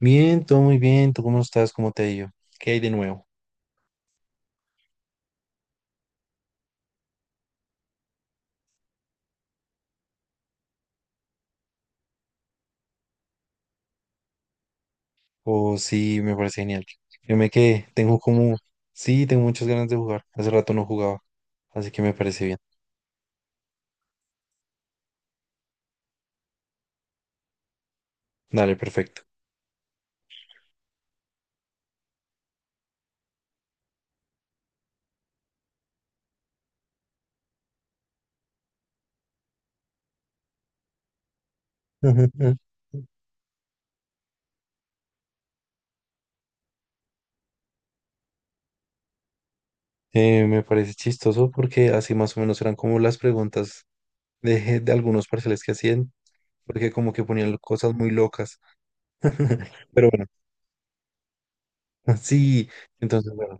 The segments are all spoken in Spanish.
Bien, todo muy bien. ¿Tú cómo estás? ¿Cómo te ha ido? ¿Qué hay de nuevo? Oh, sí, me parece genial. Yo me quedé, tengo como, sí, tengo muchas ganas de jugar. Hace rato no jugaba, así que me parece bien. Dale, perfecto. Me parece chistoso porque así más o menos eran como las preguntas de algunos parciales que hacían, porque como que ponían cosas muy locas. Pero bueno, sí, entonces bueno,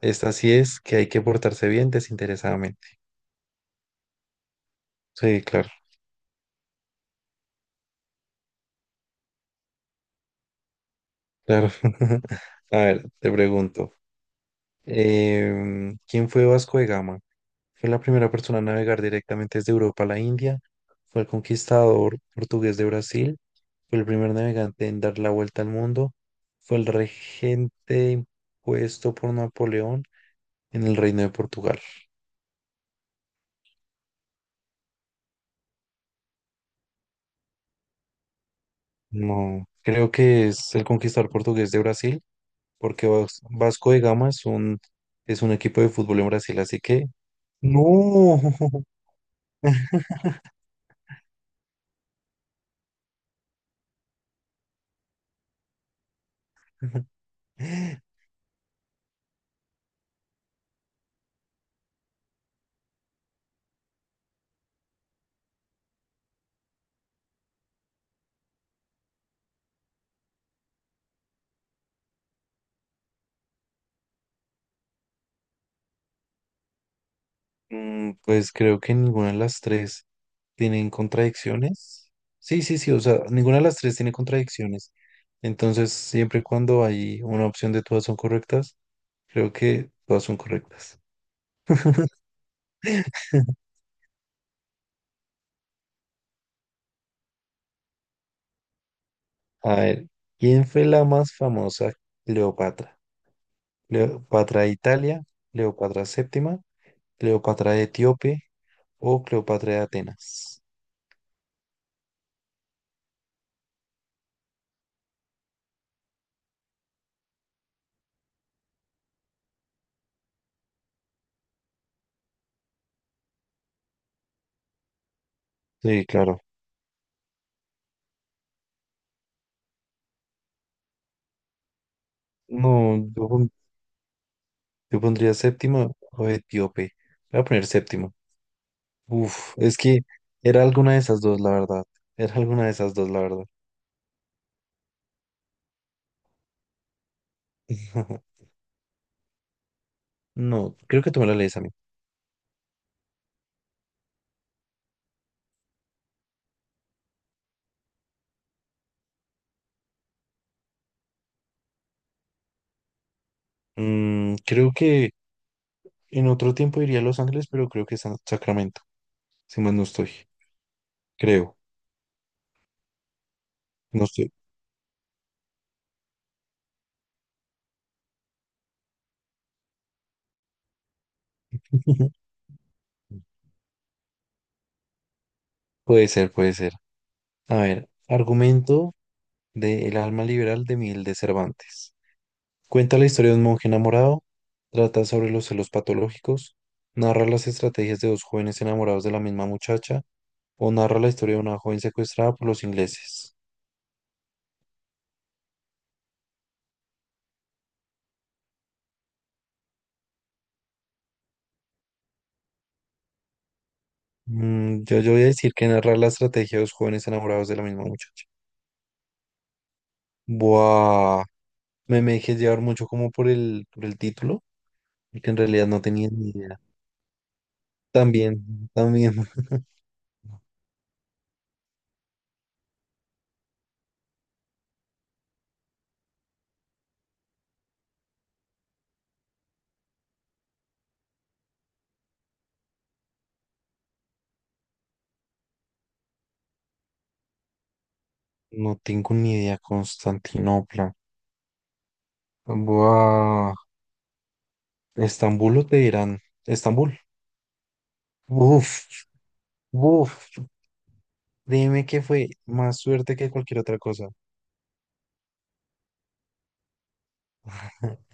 esta sí es que hay que portarse bien desinteresadamente. Sí, claro, claro. A ver, te pregunto. ¿Quién fue Vasco de Gama? Fue la primera persona a navegar directamente desde Europa a la India. Fue el conquistador portugués de Brasil. Fue el primer navegante en dar la vuelta al mundo. Fue el regente impuesto por Napoleón en el Reino de Portugal. No, creo que es el conquistador portugués de Brasil, porque Vasco de Gama es un equipo de fútbol en Brasil, así que... No. Pues creo que ninguna de las tres tienen contradicciones. Sí, sí, sí, o sea, ninguna de las tres tiene contradicciones. Entonces, siempre y cuando hay una opción de todas son correctas, creo que todas son correctas. A ver, ¿quién fue la más famosa Cleopatra? ¿Cleopatra de Italia, Cleopatra séptima, Cleopatra de Etíope o Cleopatra de Atenas? Sí, claro. No, yo pondría séptima o Etíope. Voy a poner séptima. Uf, es que era alguna de esas dos, la verdad. Era alguna de esas dos, la verdad. No, creo que tú me la lees a mí. Creo que en otro tiempo iría a Los Ángeles, pero creo que es Sacramento. Si más no estoy. Creo. No estoy. Puede ser, puede ser. A ver, argumento de El alma liberal de Miguel de Cervantes. Cuenta la historia de un monje enamorado, trata sobre los celos patológicos, narra las estrategias de dos jóvenes enamorados de la misma muchacha o narra la historia de una joven secuestrada por los ingleses. Yo voy a decir que narra la estrategia de dos jóvenes enamorados de la misma muchacha. Buah, me dejé llevar mucho como por el título, que en realidad no tenía ni idea. También, también. No tengo ni idea, Constantinopla. Buah, Estambul o Teherán. Estambul. Uf, uf, dime que fue más suerte que cualquier otra cosa.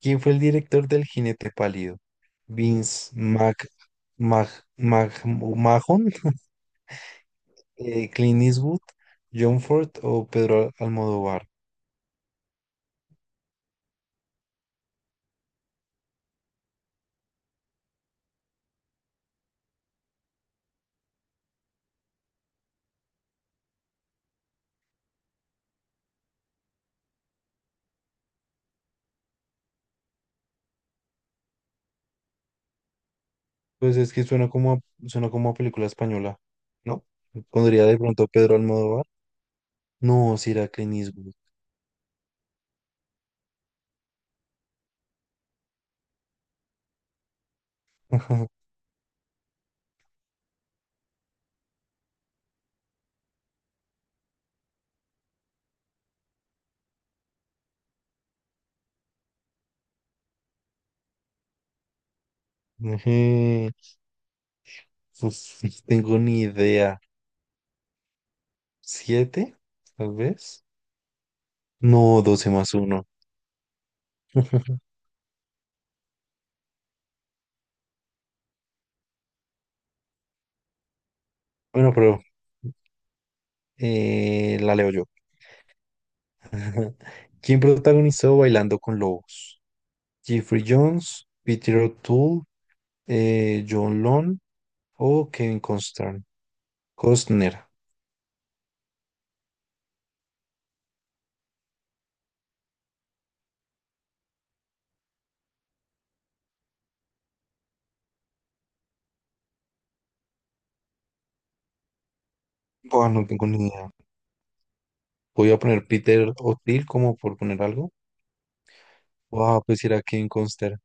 ¿Quién fue el director del Jinete Pálido? Vince Mac, Mag, Mahon, Clint Eastwood, John Ford o Pedro Almodóvar. Pues es que suena como a película española, ¿no? Pondría de pronto Pedro Almodóvar. No, si era Clint Eastwood. Ujú. Pues no tengo ni idea. ¿Siete? Tal vez. No, doce más uno. Bueno, pero la leo yo. Ajá. ¿Quién protagonizó Bailando con Lobos? ¿Jeffrey Jones, Peter O'Toole, John Lone o Kevin Costner? Buah, no tengo ni idea. Voy a poner Peter O'Toole como por poner algo. Buah, pues era Kevin Costner.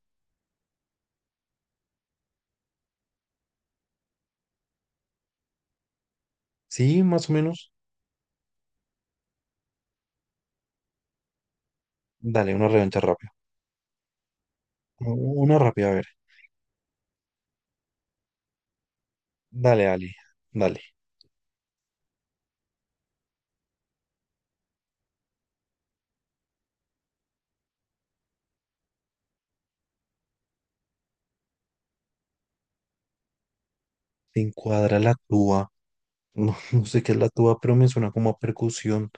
Sí, más o menos. Dale, una revancha rápida. Una rápida, a ver. Dale, Ali. Dale. Te encuadra la tuba. No, no sé qué es la tuba, pero me suena como a percusión,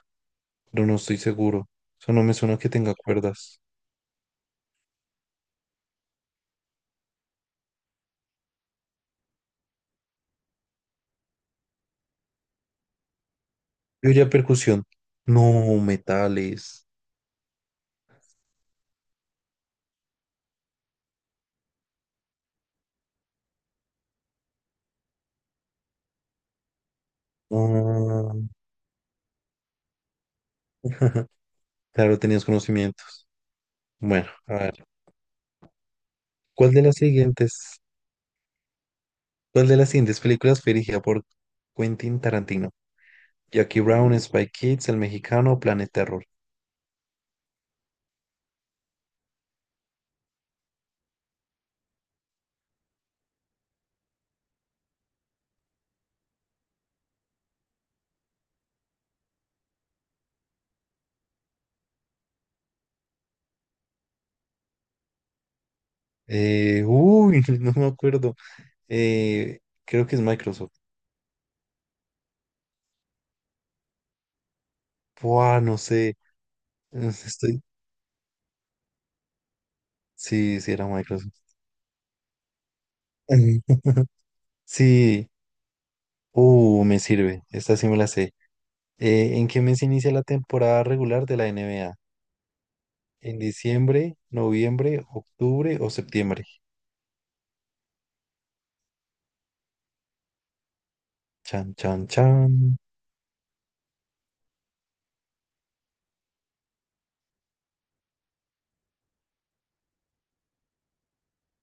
pero no estoy seguro. Eso no me suena que tenga cuerdas. Yo diría percusión. No, metales. No. Claro, tenías conocimientos. Bueno, a ver. ¿Cuál de las siguientes, ¿Cuál de las siguientes películas fue dirigida por Quentin Tarantino? Jackie Brown, Spy Kids, El Mexicano, Planet Terror. Uy, no me acuerdo. Eh, Creo que es Microsoft. Buah, no sé. Estoy... Sí, sí, era Microsoft. Sí. Me sirve. Esta sí me la sé. ¿En qué mes inicia la temporada regular de la NBA? ¿En diciembre, noviembre, octubre o septiembre? Chan, chan, chan.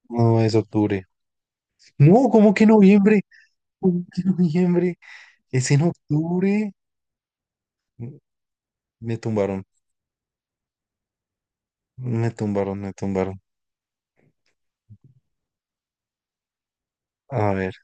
No, es octubre. No, ¿cómo que noviembre? ¿Cómo que noviembre? Es en octubre. M- Me tumbaron, me tumbaron, me tumbaron. A ver,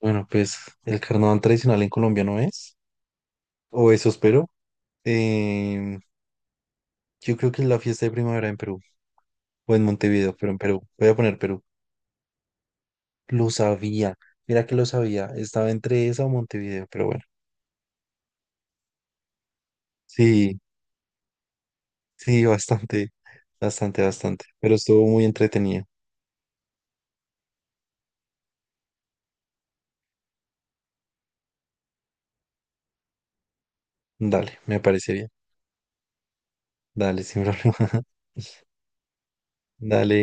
bueno, pues el carnaval tradicional en Colombia no es, o eso espero. Em, yo creo que es la fiesta de primavera en Perú, o en Montevideo, pero en Perú. Voy a poner Perú. Lo sabía, mira que lo sabía, estaba entre esa o Montevideo, pero bueno, sí, sí, bastante, bastante, bastante, pero estuvo muy entretenido. Dale, me parece bien. Dale, sin problema. Dale.